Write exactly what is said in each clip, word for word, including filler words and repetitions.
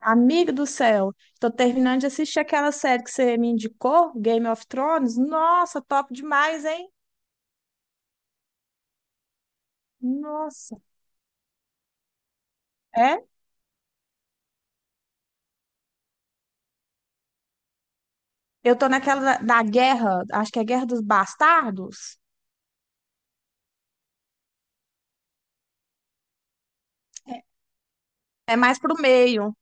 Amigo do céu, tô terminando de assistir aquela série que você me indicou, Game of Thrones. Nossa, top demais, hein? Nossa. É? Eu tô naquela da, da guerra, acho que é Guerra dos Bastardos. É, é mais pro meio.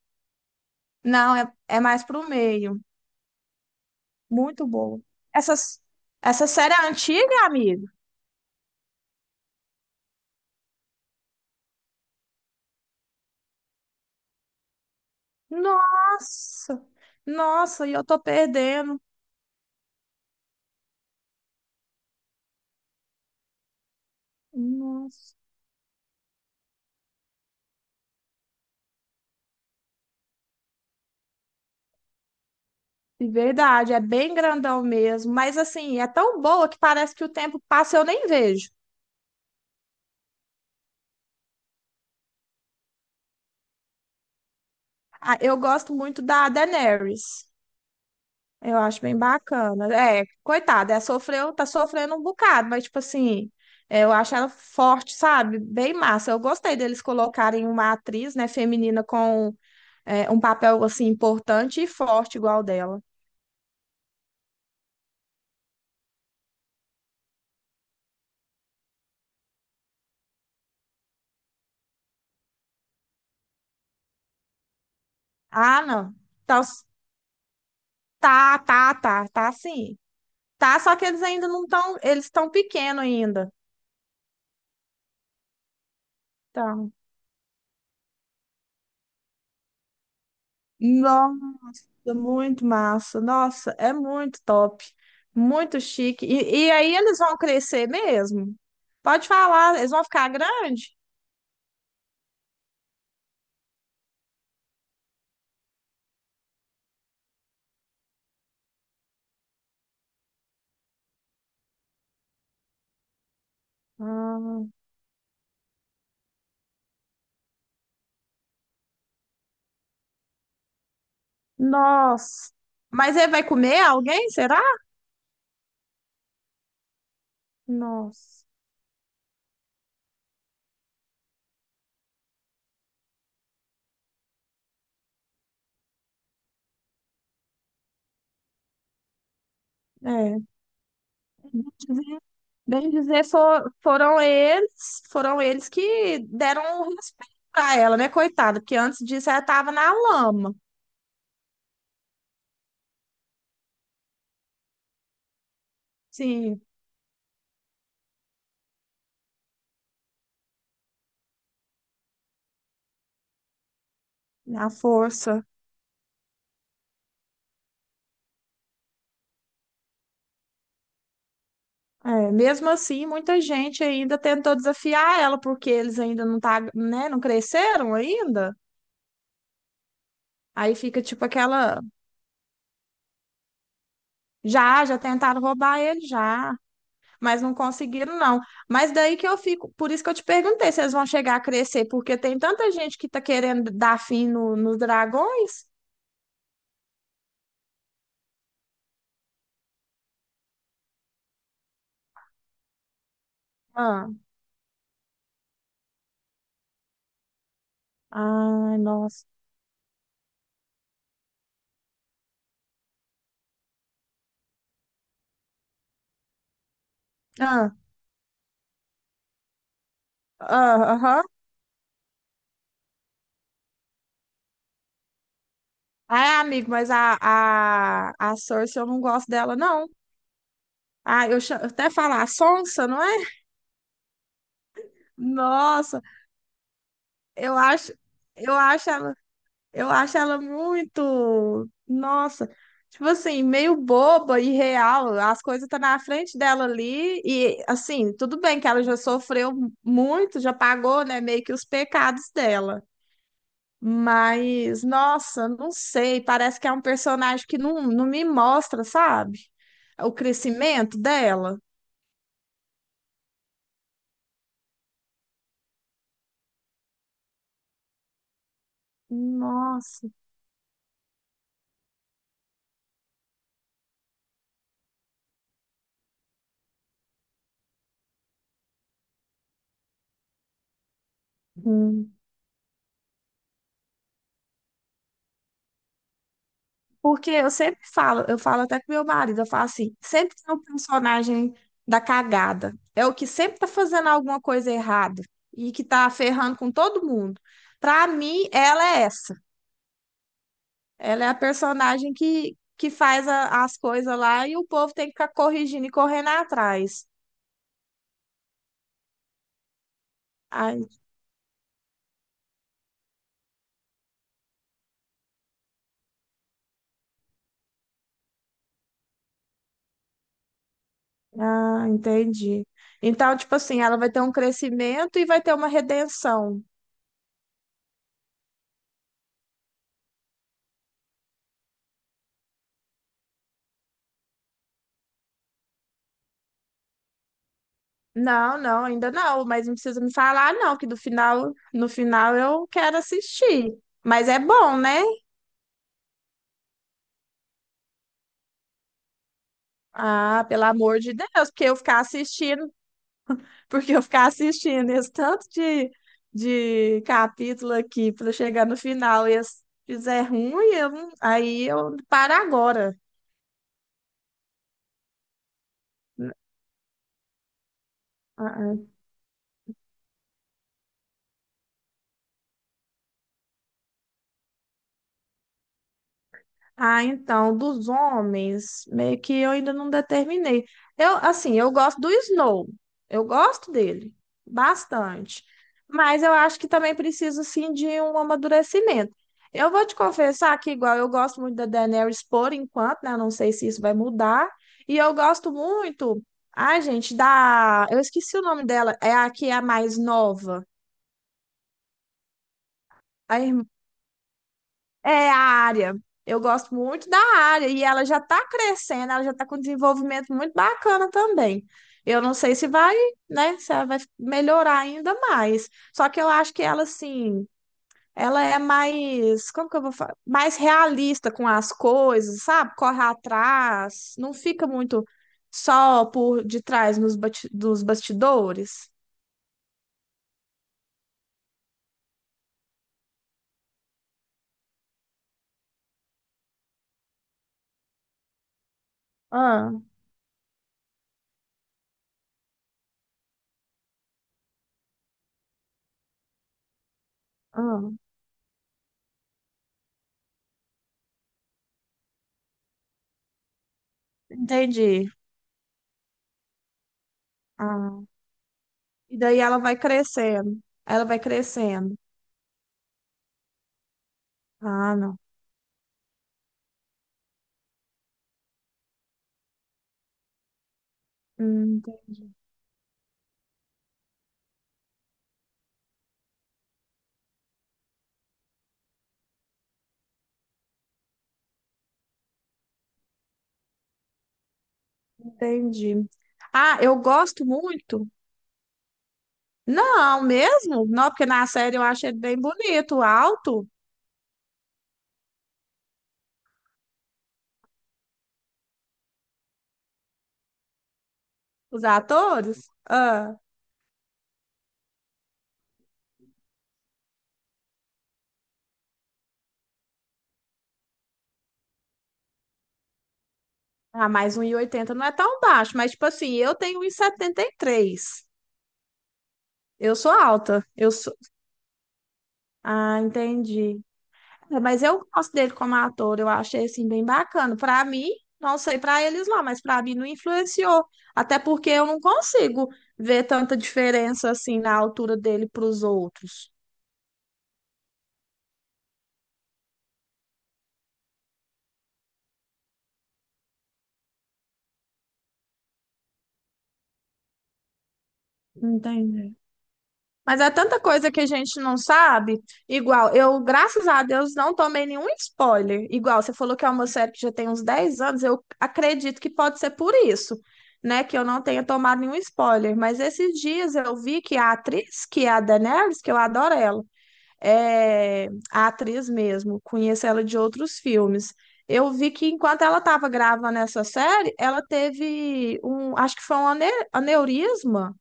Não, é, é mais pro meio. Muito boa. Essas, essa série é antiga, amigo? Nossa, nossa, e eu tô perdendo. Nossa. Verdade, é bem grandão mesmo, mas assim, é tão boa que parece que o tempo passa e eu nem vejo. Ah, eu gosto muito da Daenerys. Eu acho bem bacana. É, coitada, é, sofreu, tá sofrendo um bocado, mas tipo assim, é, eu acho ela forte, sabe? Bem massa. Eu gostei deles colocarem uma atriz, né, feminina com é, um papel assim importante e forte igual dela. Ah, não. Tá, tá, tá, tá, tá sim. Tá, só que eles ainda não estão, eles estão pequenos ainda. Tá. Nossa, muito massa. Nossa, é muito top. Muito chique. E, e aí eles vão crescer mesmo? Pode falar, eles vão ficar grandes? Ah, nossa. Mas ele vai comer alguém, será? Nossa. É. Bem dizer, for- foram eles, foram eles que deram o respeito pra ela, né, coitada? Porque antes disso ela tava na lama. Sim, na força. É, mesmo assim, muita gente ainda tentou desafiar ela, porque eles ainda não tá, né, não cresceram ainda. Aí fica tipo aquela, já, já tentaram roubar ele, já, mas não conseguiram, não. Mas daí que eu fico, por isso que eu te perguntei se eles vão chegar a crescer, porque tem tanta gente que tá querendo dar fim no- nos dragões. Ah, ai, nossa. Ah, ah, aham. Ai, amigo, mas a, a, a Cersei eu não gosto dela, não. Ah, eu cha- eu até falar a Sonsa, não é? Nossa, eu acho, eu acho ela, eu acho ela muito, nossa, tipo assim, meio boba e real. As coisas tá na frente dela ali e assim, tudo bem que ela já sofreu muito, já pagou, né, meio que os pecados dela. Mas, nossa, não sei, parece que é um personagem que não, não me mostra, sabe? O crescimento dela. Nossa. Hum. Porque eu sempre falo, eu falo até com meu marido, eu falo assim, sempre tem um personagem da cagada. É o que sempre tá fazendo alguma coisa errada e que tá ferrando com todo mundo. Pra mim, ela é essa. Ela é a personagem que, que faz a- as coisas lá e o povo tem que ficar corrigindo e correndo atrás. Ah, en- ah, entendi. Então, tipo assim, ela vai ter um crescimento e vai ter uma redenção. Não, não, ainda não, mas não precisa me falar, não, que do final, no final eu quero assistir. Mas é bom, né? Ah, pelo amor de Deus, porque eu ficar assistindo, porque eu ficar assistindo esse tanto de, de capítulo aqui para chegar no final e se fizer ruim, eu não- aí eu paro agora. Ah, ah, então, dos homens, meio que eu ainda não determinei. Eu, assim, eu gosto do Snow. Eu gosto dele bastante. Mas eu acho que também preciso, assim, de um amadurecimento. Eu vou te confessar que, igual, eu gosto muito da Daenerys por enquanto, né? Eu não sei se isso vai mudar. E eu gosto muito, ai, gente, da... Eu esqueci o nome dela. É a que é a mais nova. A é a área. Eu gosto muito da área e ela já está crescendo, ela já está com desenvolvimento muito bacana também. Eu não sei se vai, né, se ela vai melhorar ainda mais. Só que eu acho que ela, assim, ela é mais, como que eu vou falar? Mais realista com as coisas, sabe? Corre atrás, não fica muito só por detrás nos bati- dos bastidores. Ah, ah, entendi. Ah, e daí ela vai crescendo, ela vai crescendo. Ah, não. Hum, entendi. Ah, eu gosto muito. Não, mesmo? Não, porque na série eu achei ele bem bonito, alto, os atores. Ah, ah, mas um e oitenta não é tão baixo, mas tipo assim, eu tenho um e e setenta e três. Eu sou alta. Eu sou... Ah, entendi. É, mas eu gosto dele como ator, eu achei assim bem bacana. Para mim, não sei para eles lá, mas para mim não influenciou, até porque eu não consigo ver tanta diferença assim na altura dele para os outros. Entendi. Mas é tanta coisa que a gente não sabe. Igual, eu, graças a Deus, não tomei nenhum spoiler. Igual, você falou que é uma série que já tem uns dez anos, eu acredito que pode ser por isso, né? Que eu não tenha tomado nenhum spoiler. Mas esses dias eu vi que a atriz, que é a Daenerys, que eu adoro ela, é, a atriz mesmo, conheço ela de outros filmes. Eu vi que enquanto ela estava gravando essa série, ela teve um, acho que foi um ane- aneurisma,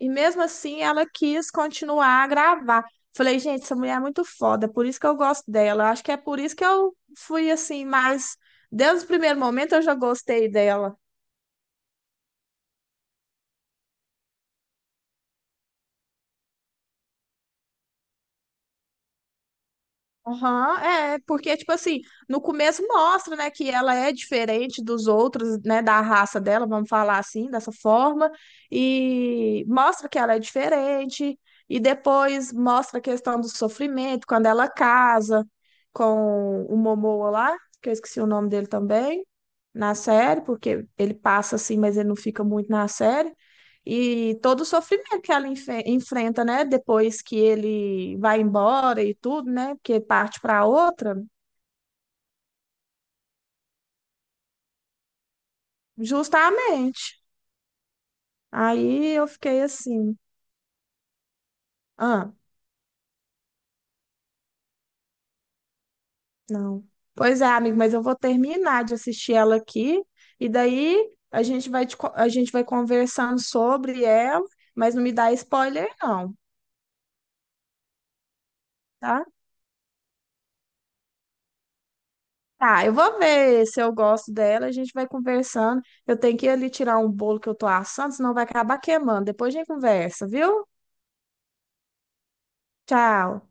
e mesmo assim ela quis continuar a gravar. Falei, gente, essa mulher é muito foda, é por isso que eu gosto dela. Acho que é por isso que eu fui assim, mais desde o primeiro momento eu já gostei dela. Aham, é, porque, tipo assim, no começo mostra, né, que ela é diferente dos outros, né, da raça dela, vamos falar assim, dessa forma, e mostra que ela é diferente, e depois mostra a questão do sofrimento, quando ela casa com o Momoa lá, que eu esqueci o nome dele também, na série, porque ele passa assim, mas ele não fica muito na série. E todo o sofrimento que ela enfe- enfrenta, né? Depois que ele vai embora e tudo, né? Porque parte para outra, justamente. Aí eu fiquei assim, ah, não. Pois é, amigo, mas eu vou terminar de assistir ela aqui e daí a gente vai, te co- a gente vai conversando sobre ela, mas não me dá spoiler, não, tá? Tá, eu vou ver se eu gosto dela, a gente vai conversando. Eu tenho que ir ali tirar um bolo que eu tô assando, senão vai acabar queimando. Depois a gente conversa, viu? Tchau.